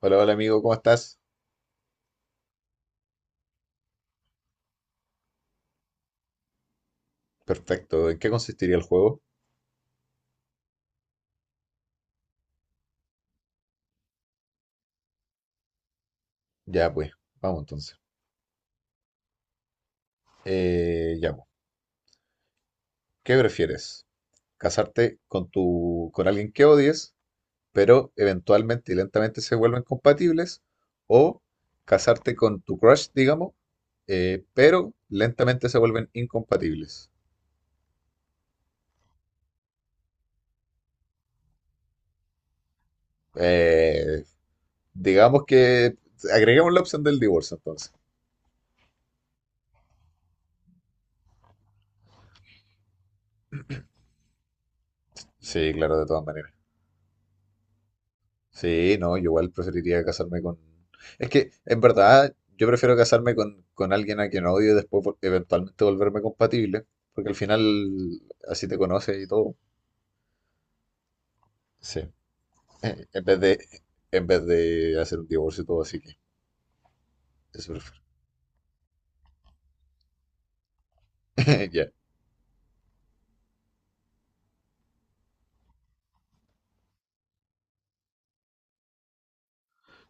Hola, hola amigo, ¿cómo estás? Perfecto. ¿En qué consistiría el juego? Ya pues, vamos entonces. Ya pues. ¿Qué prefieres? ¿Casarte con con alguien que odies, pero eventualmente y lentamente se vuelven compatibles? ¿O casarte con tu crush, digamos, pero lentamente se vuelven incompatibles? Eh, digamos que agregamos la opción del divorcio entonces. Sí, claro, de todas maneras. Sí, no, yo igual preferiría casarme con... Es que, en verdad, yo prefiero casarme con alguien a quien odio y después eventualmente volverme compatible, porque al final así te conoces y todo. Sí. En vez de, en vez de hacer un divorcio y todo, así que eso prefiero. Ya.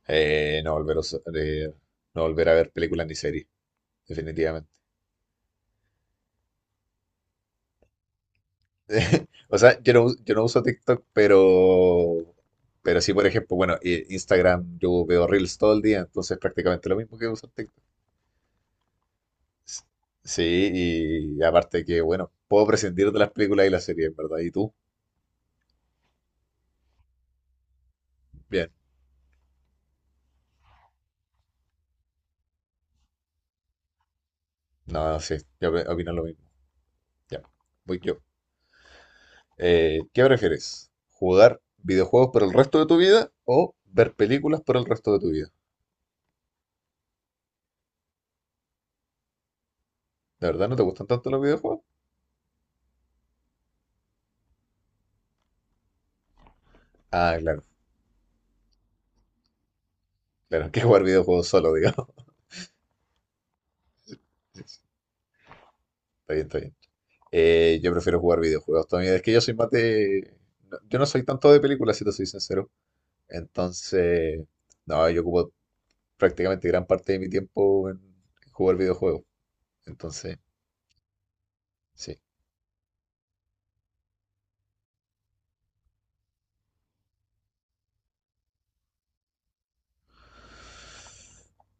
Eh, no volver a, us- eh, no volver a ver películas ni series, definitivamente. O sea, yo no uso TikTok, pero... Pero sí, por ejemplo, bueno, Instagram, yo veo Reels todo el día, entonces prácticamente lo mismo que usar TikTok. S- Sí, y aparte que, bueno, puedo prescindir de las películas y las series, ¿verdad? ¿Y tú? Bien. No, no, sí, yo opino lo mismo. Ya, voy yo. ¿Qué prefieres? ¿Jugar videojuegos por el resto de tu vida o ver películas por el resto de tu vida? ¿De verdad no te gustan tanto los videojuegos? Ah, claro, claro, que jugar videojuegos solo, digamos. Está bien, está bien. Yo prefiero jugar videojuegos también. Es que yo soy más de... No, yo no soy tanto de películas, si te soy sincero. Entonces, no, yo ocupo prácticamente gran parte de mi tiempo en jugar videojuegos. Entonces, sí.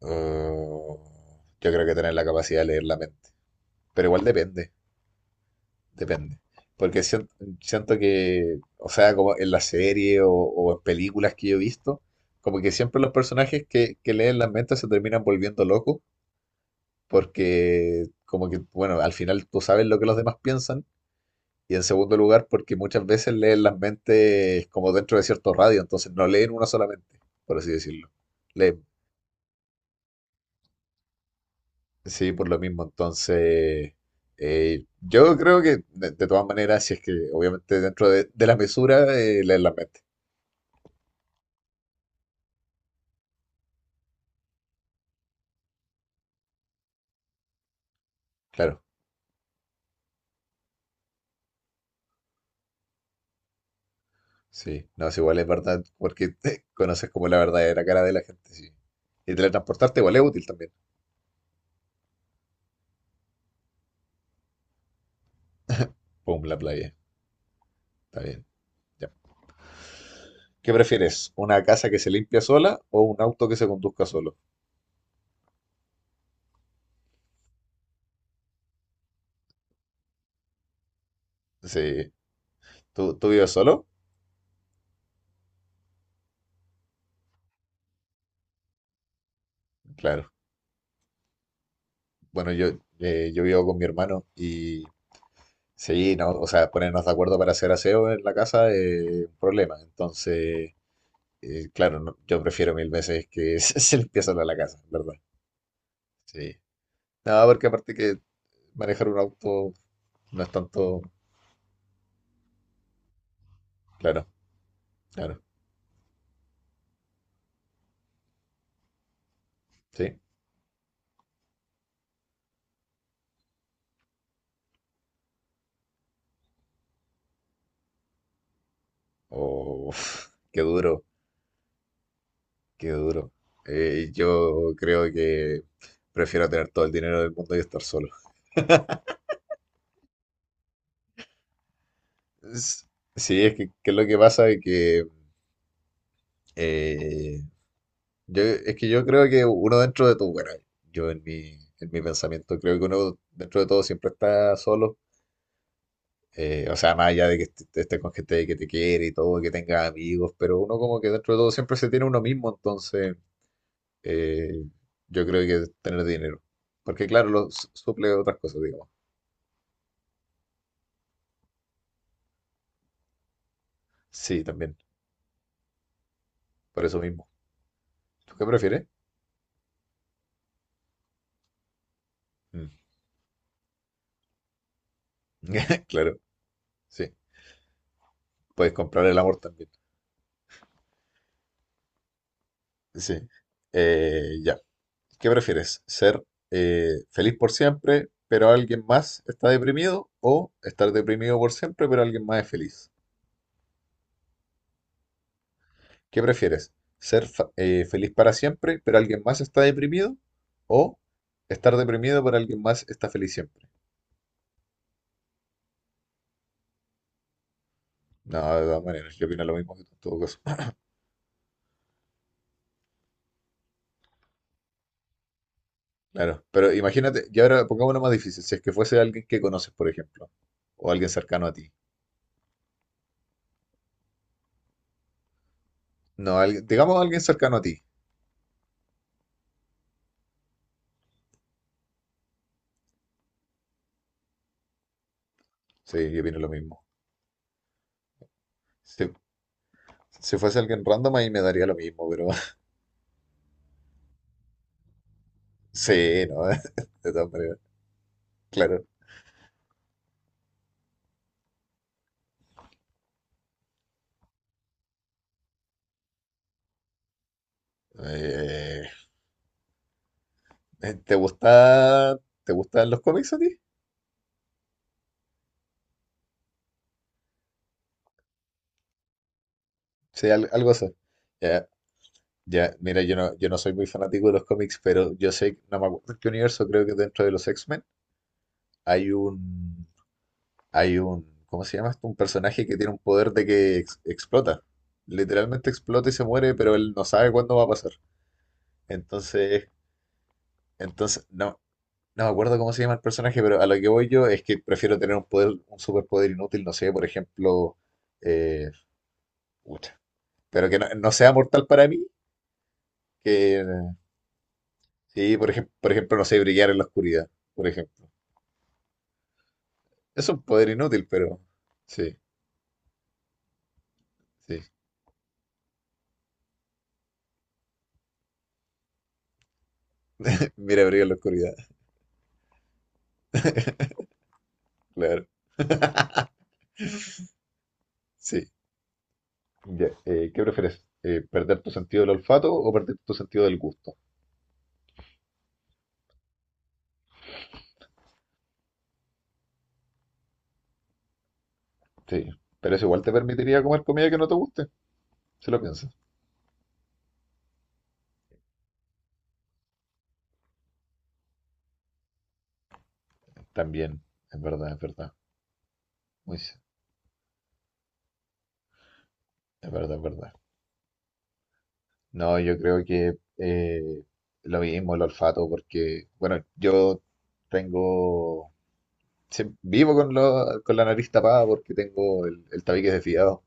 Uh, yo creo que tener la capacidad de leer la mente. Pero igual depende, depende. Porque siento, siento que, o sea, como en la serie o en películas que yo he visto, como que siempre los personajes que leen las mentes se terminan volviendo locos porque como que, bueno, al final tú sabes lo que los demás piensan. Y en segundo lugar, porque muchas veces leen las mentes como dentro de cierto radio, entonces no leen una sola mente, por así decirlo. Leen, sí, por lo mismo. Entonces, yo creo que de todas maneras, si es que obviamente de la mesura, leen las mentes. Claro, sí. No, es igual es verdad, porque te conoces como la verdadera cara de la gente, sí. Y teletransportarte igual es útil también. Pum, la playa. Está bien. Ya. ¿Qué prefieres? ¿Una casa que se limpia sola o un auto que se conduzca solo? Sí, tú vives solo? Claro. Bueno, yo, yo vivo con mi hermano y sí, no, o sea, ponernos de acuerdo para hacer aseo en la casa es un problema. Entonces, claro, no, yo prefiero mil veces que se limpie sola la casa, en ¿verdad? Sí. No, porque aparte que manejar un auto no es tanto, claro, claro, sí. O qué duro, qué duro. Yo creo que prefiero tener todo el dinero del mundo y estar solo. Es- Sí, es que es lo que pasa es que eh, es que yo creo que uno dentro de todo, bueno, yo en mi, en mi pensamiento creo que uno dentro de todo siempre está solo, o sea, más allá de que estés con gente que te quiere y todo, que tengas amigos, pero uno como que dentro de todo siempre se tiene uno mismo, entonces eh, yo creo que tener dinero, porque claro, lo suple otras cosas, digamos. Sí, también, por eso mismo. ¿Tú qué prefieres? Mm. Claro, sí, puedes comprar el amor también. Sí. Ya. ¿Qué prefieres? ¿Ser feliz por siempre, pero alguien más está deprimido? ¿O estar deprimido por siempre, pero alguien más es feliz? ¿Qué prefieres? ¿Ser feliz para siempre, pero alguien más está deprimido? ¿O estar deprimido, pero alguien más está feliz siempre? No, de todas maneras, yo opino lo mismo que tú en todo caso. Claro, pero imagínate, y ahora pongamos una más difícil, si es que fuese alguien que conoces, por ejemplo, o alguien cercano a ti. No, alguien, digamos alguien cercano a ti. Sí, yo opino lo mismo. Sí, si fuese alguien random ahí me daría lo mismo, pero sí, ¿no? De todas maneras, claro. Eh, ¿Te gusta, te gustan los cómics a ti? Sí, algo así. Ya, ya, mira, yo no soy muy fanático de los cómics, pero yo sé, no me acuerdo en qué universo, creo que dentro de los X-Men hay un, ¿cómo se llama esto? Un personaje que tiene un poder de que explota. Literalmente explota y se muere, pero él no sabe cuándo va a pasar. Entonces, entonces, no, no me acuerdo cómo se llama el personaje, pero a lo que voy yo es que prefiero tener un poder, un superpoder inútil, no sé, por ejemplo, eh, pucha, pero que no sea mortal para mí, que sí, por ejemplo, no sé, brillar en la oscuridad, por ejemplo. Es un poder inútil, pero sí, sí. Mira, brillar en la oscuridad, claro, sí. Ya, ¿qué prefieres? ¿Perder tu sentido del olfato o perder tu sentido del gusto? Sí, pero eso igual te permitiría comer comida que no te guste, si lo piensas. También, es verdad, es verdad. Muy, es verdad, es verdad. No, yo creo que lo mismo, el olfato, porque, bueno, yo tengo, sí, vivo con, con la nariz tapada porque tengo el tabique desviado.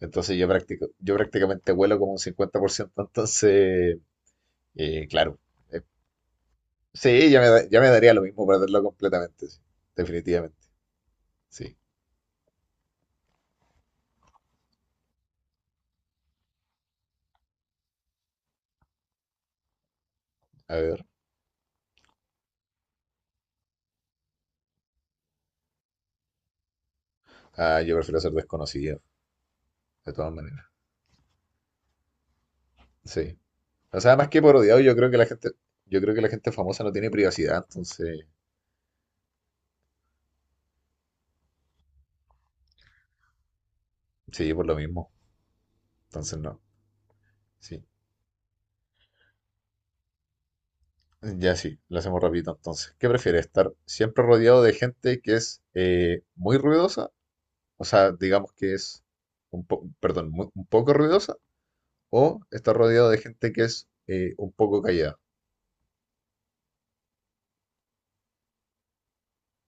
Entonces yo, yo prácticamente huelo como un 50%. Entonces, claro. eh, sí, ya me, ya me daría lo mismo perderlo completamente, sí, definitivamente. Sí, a ver. Ah, yo prefiero ser desconocido, de todas maneras. Sí. O sea, más que por odiado, yo creo que la gente, yo creo que la gente famosa no tiene privacidad, entonces, sí, por lo mismo. Entonces, no, sí. Ya sí, lo hacemos rapidito entonces. ¿Qué prefieres? ¿Estar siempre rodeado de gente que es muy ruidosa? O sea, digamos que es un perdón, un poco ruidosa, o estar rodeado de gente que es un poco callada.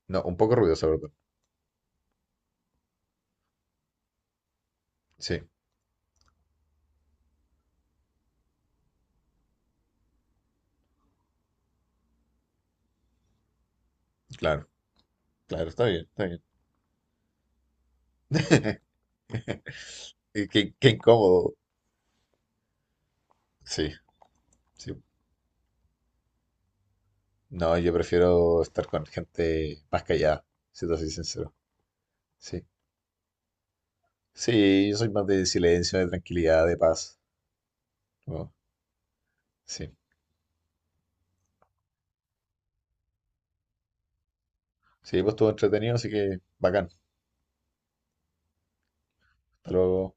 No, un poco ruidosa, perdón. Sí, claro, claro, está bien, está bien. Qué, qué incómodo. Sí, sí, no, yo prefiero estar con gente más callada, si te soy sincero. Sí. Sí, yo soy más de silencio, de tranquilidad, de paz. ¿No? Sí. Sí, pues estuvo entretenido, así que bacán. Hasta luego.